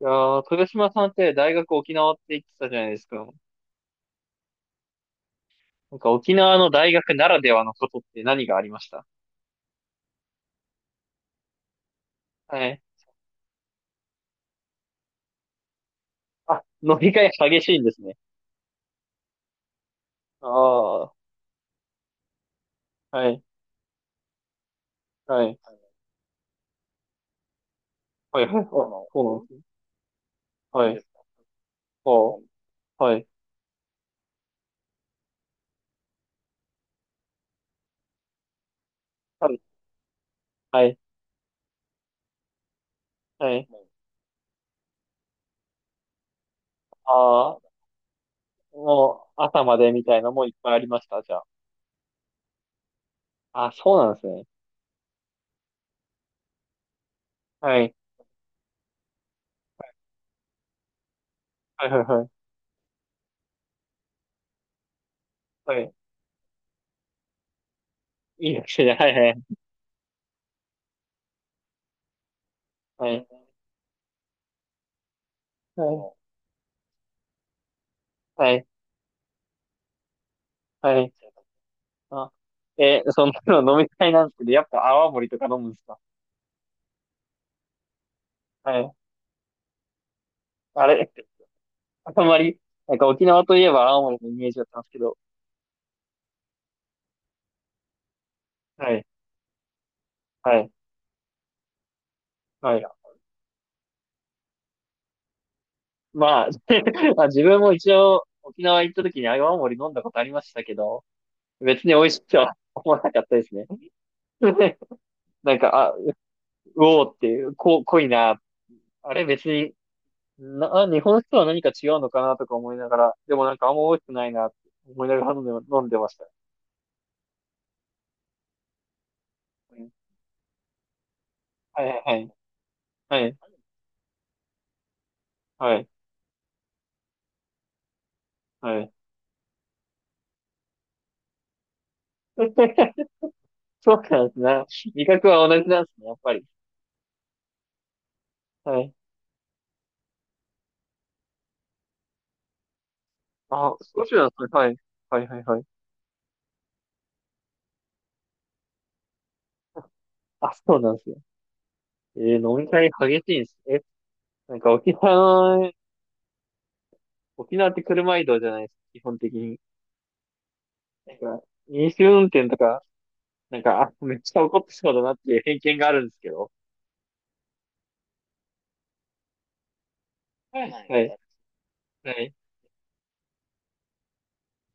いやー、豊島さんって大学沖縄って言ってたじゃないですか。なんか沖縄の大学ならではのことって何がありました？はい。あ、飲み会激しいんですね。ああ、はい、はい、はい、はい、あ、そうなんですね。はい、あ、はい、はい、はい、はい。ああ、もう朝までみたいなのもいっぱいありました、じゃあ。あ、そうなんですね。はい、はい、はい、はい、はい。いいですね。はい、はい、はい、はい、はい、はい。あ、そんなの飲みたいなんですけど、やっぱ泡盛とか飲むんですか？はい。あれ、あんまり、なんか沖縄といえば泡盛のイメージだったんですけど。はい、はい、はい。まあ、まあ自分も一応沖縄行った時に泡盛飲んだことありましたけど、別に美味しいとは思わなかったですね。なんか、あ、うおーっていう、こ、濃いな。あれ別に、な、あ日本酒とは何か違うのかなとか思いながら、でもなんかあんま美味しくないなって思いながら飲んでました。うんはいはいはい。はいはい。はい。そうなんですね。味覚は同じなんですね、やっぱり。はい。あ、少しなんですね。はい。はいはいはい。あ、そうなんですよ。飲み会激しいんです。え、なんか沖縄、沖縄って車移動じゃないですか、基本的に。なんか、飲酒運転とか、なんか、あ、めっちゃ怒ってそうだなっていう偏見があるんですけど。はい。はい。はい。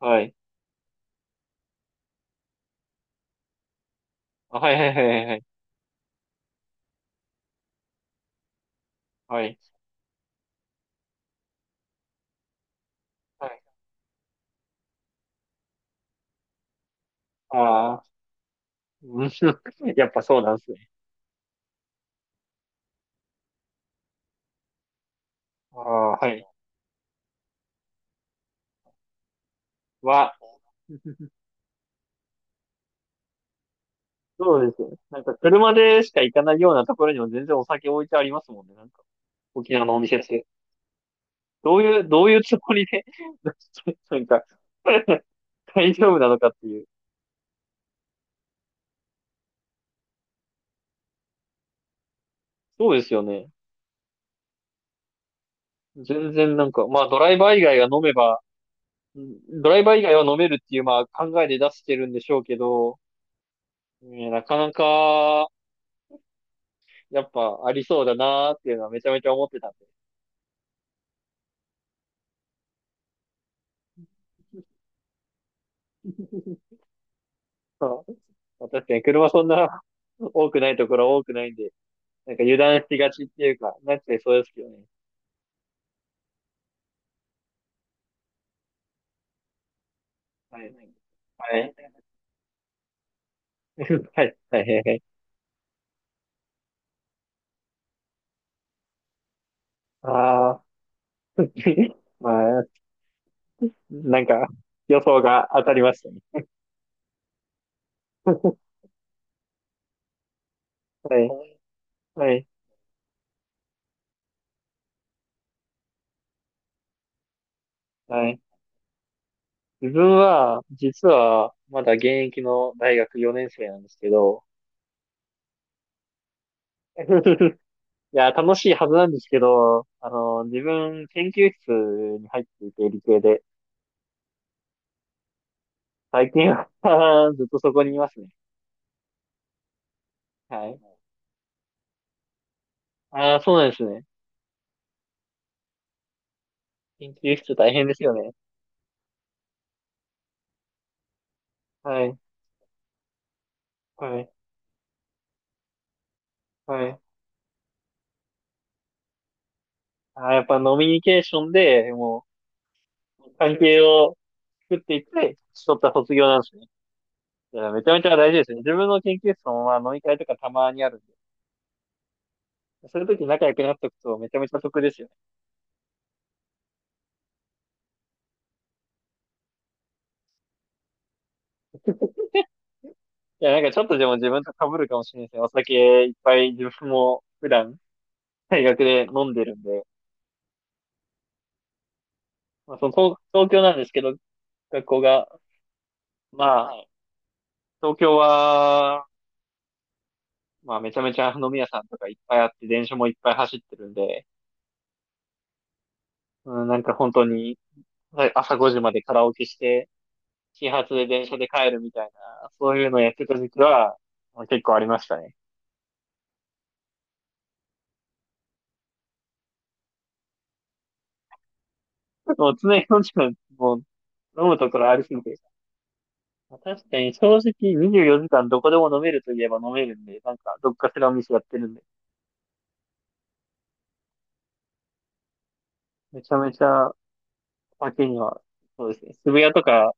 はい。あ、はいはいはいはい。はい。はい。ああー、うん やっぱそうなんですね。ああ、はい。は、そうですよね。なんか車でしか行かないようなところにも全然お酒置いてありますもんね。なんか、沖縄のお店って。どういう、どういうつもりで なんか、大丈夫なのかっていう。そうですよね。全然なんか、まあドライバー以外が飲めば、うんドライバー以外は飲めるっていう、まあ考えで出してるんでしょうけど、ねなかなか、やっぱありそうだなーっていうのはめちゃめちゃ思ってたんで。まあ確かに車そんな多くないところは多くないんで、なんか油断しがちっていうか、なってそうですけどね。はい。はい。はい。はい。はい。ああー、まあ、なんか、予想が当たりましたね。はい。はい。はい。自分は、実は、まだ現役の大学4年生なんですけど、いや、楽しいはずなんですけど、自分、研究室に入っていて、理系で、最近は ずっとそこにいますね。はい。ああ、そうなんですね。研究室大変ですよね。はい。はい。はい。あー、やっぱノミニケーションで、もう、関係を作っていって、取った卒業なんですね。いや、めちゃめちゃ大事ですね。自分の研究室も、まあ、飲み会とかたまにあるんで。そういう時仲良くなっとくとめちゃめちゃ得ですよね。いや、なんかちょっとでも自分と被るかもしれないですね。お酒いっぱい自分も普段、大学で飲んでるんで。まあ、その東京なんですけど、学校が、まあ、東京は、まあ、めちゃめちゃ飲み屋さんとかいっぱいあって、電車もいっぱい走ってるんで、うん、なんか本当に、はい朝5時までカラオケして、始発で電車で帰るみたいな、そういうのをやってた時期は、まあ結構ありましたね。もう常に飲んじゃう、もう、飲むところありすぎて。まあ確かに正直24時間どこでも飲めるといえば飲めるんで、なんかどっかしらお店やってるんで、めちゃめちゃ酒には、そうですね。渋谷とか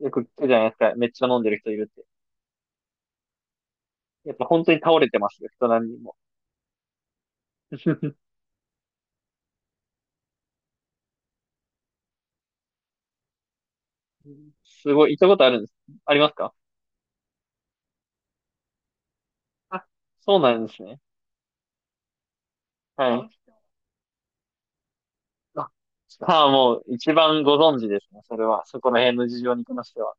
よく聞くじゃないですか。めっちゃ飲んでる人いるって。やっぱ本当に倒れてますよ、人何人も。すごい、行ったことあるんです。ありますか？あ、そうなんですね。はい。あああ、もう一番ご存知ですね。それは。そこら辺の事情に関しては。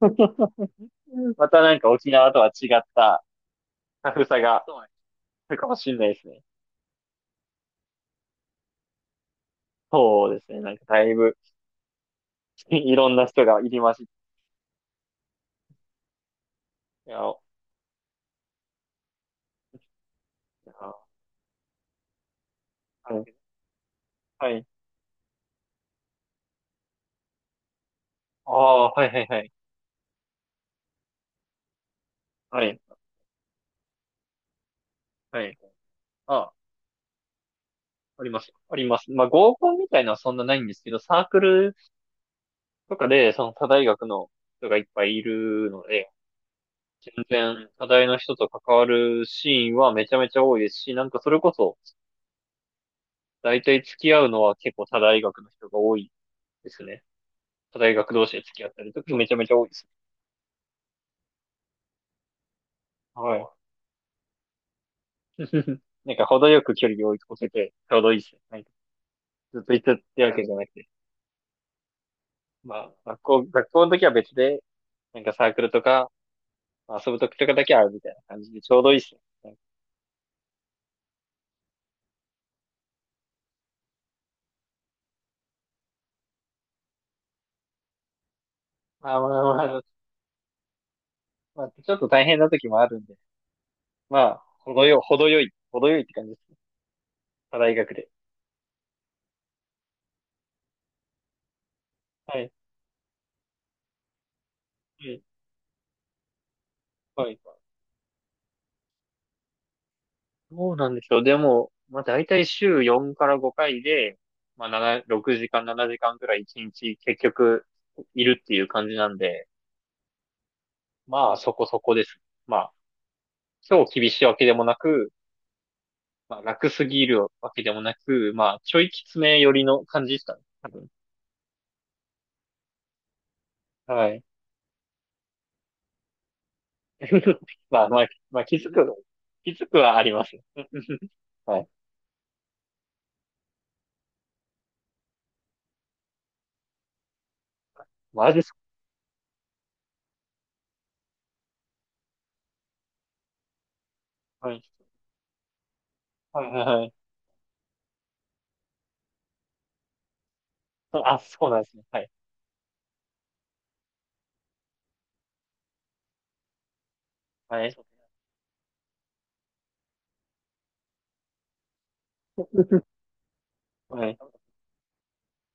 またなんか沖縄とは違ったタフさがそうねあるかもしれないですね。そうですね。なんかだいぶ いろんな人が入りまじって。おいやはい。はい。ああ、はいはいはい。はい。はい。ああ、あります。あります。まあ合コンみたいなのはそんなないんですけど、サークルとかでその他大学の人がいっぱいいるので、全然、課題の人と関わるシーンはめちゃめちゃ多いですし、なんかそれこそ、だいたい付き合うのは結構他大学の人が多いですね。他大学同士で付き合ったりとかめちゃめちゃ多いですね。はい。なんか程よく距離を置いてて、ちょうどいいですね。なんかずっと行ってってわけじゃなくて。まあ、学校の時は別で、なんかサークルとか、まあ遊ぶ時とかだけ会うみたいな感じでちょうどいいですね。なんかまあまあまあ、まあ、ちょっと大変な時もあるんで、まあ、程よいって感じですね。他大学で。はい。はい。はい。どうなんでしょうでも、まあ、大体週4から5回で、まあ、7、6時間、7時間くらい1日結局いるっていう感じなんで、まあ、そこそこです。まあ、超厳しいわけでもなく、まあ、楽すぎるわけでもなく、まあ、ちょいきつめ寄りの感じですかね。多分。はい。まあ、まあ、まあ、気づくはあります。はい。マジですか？はい。はい、はい、はい。あ、そうなんですね。はい。はい。はい。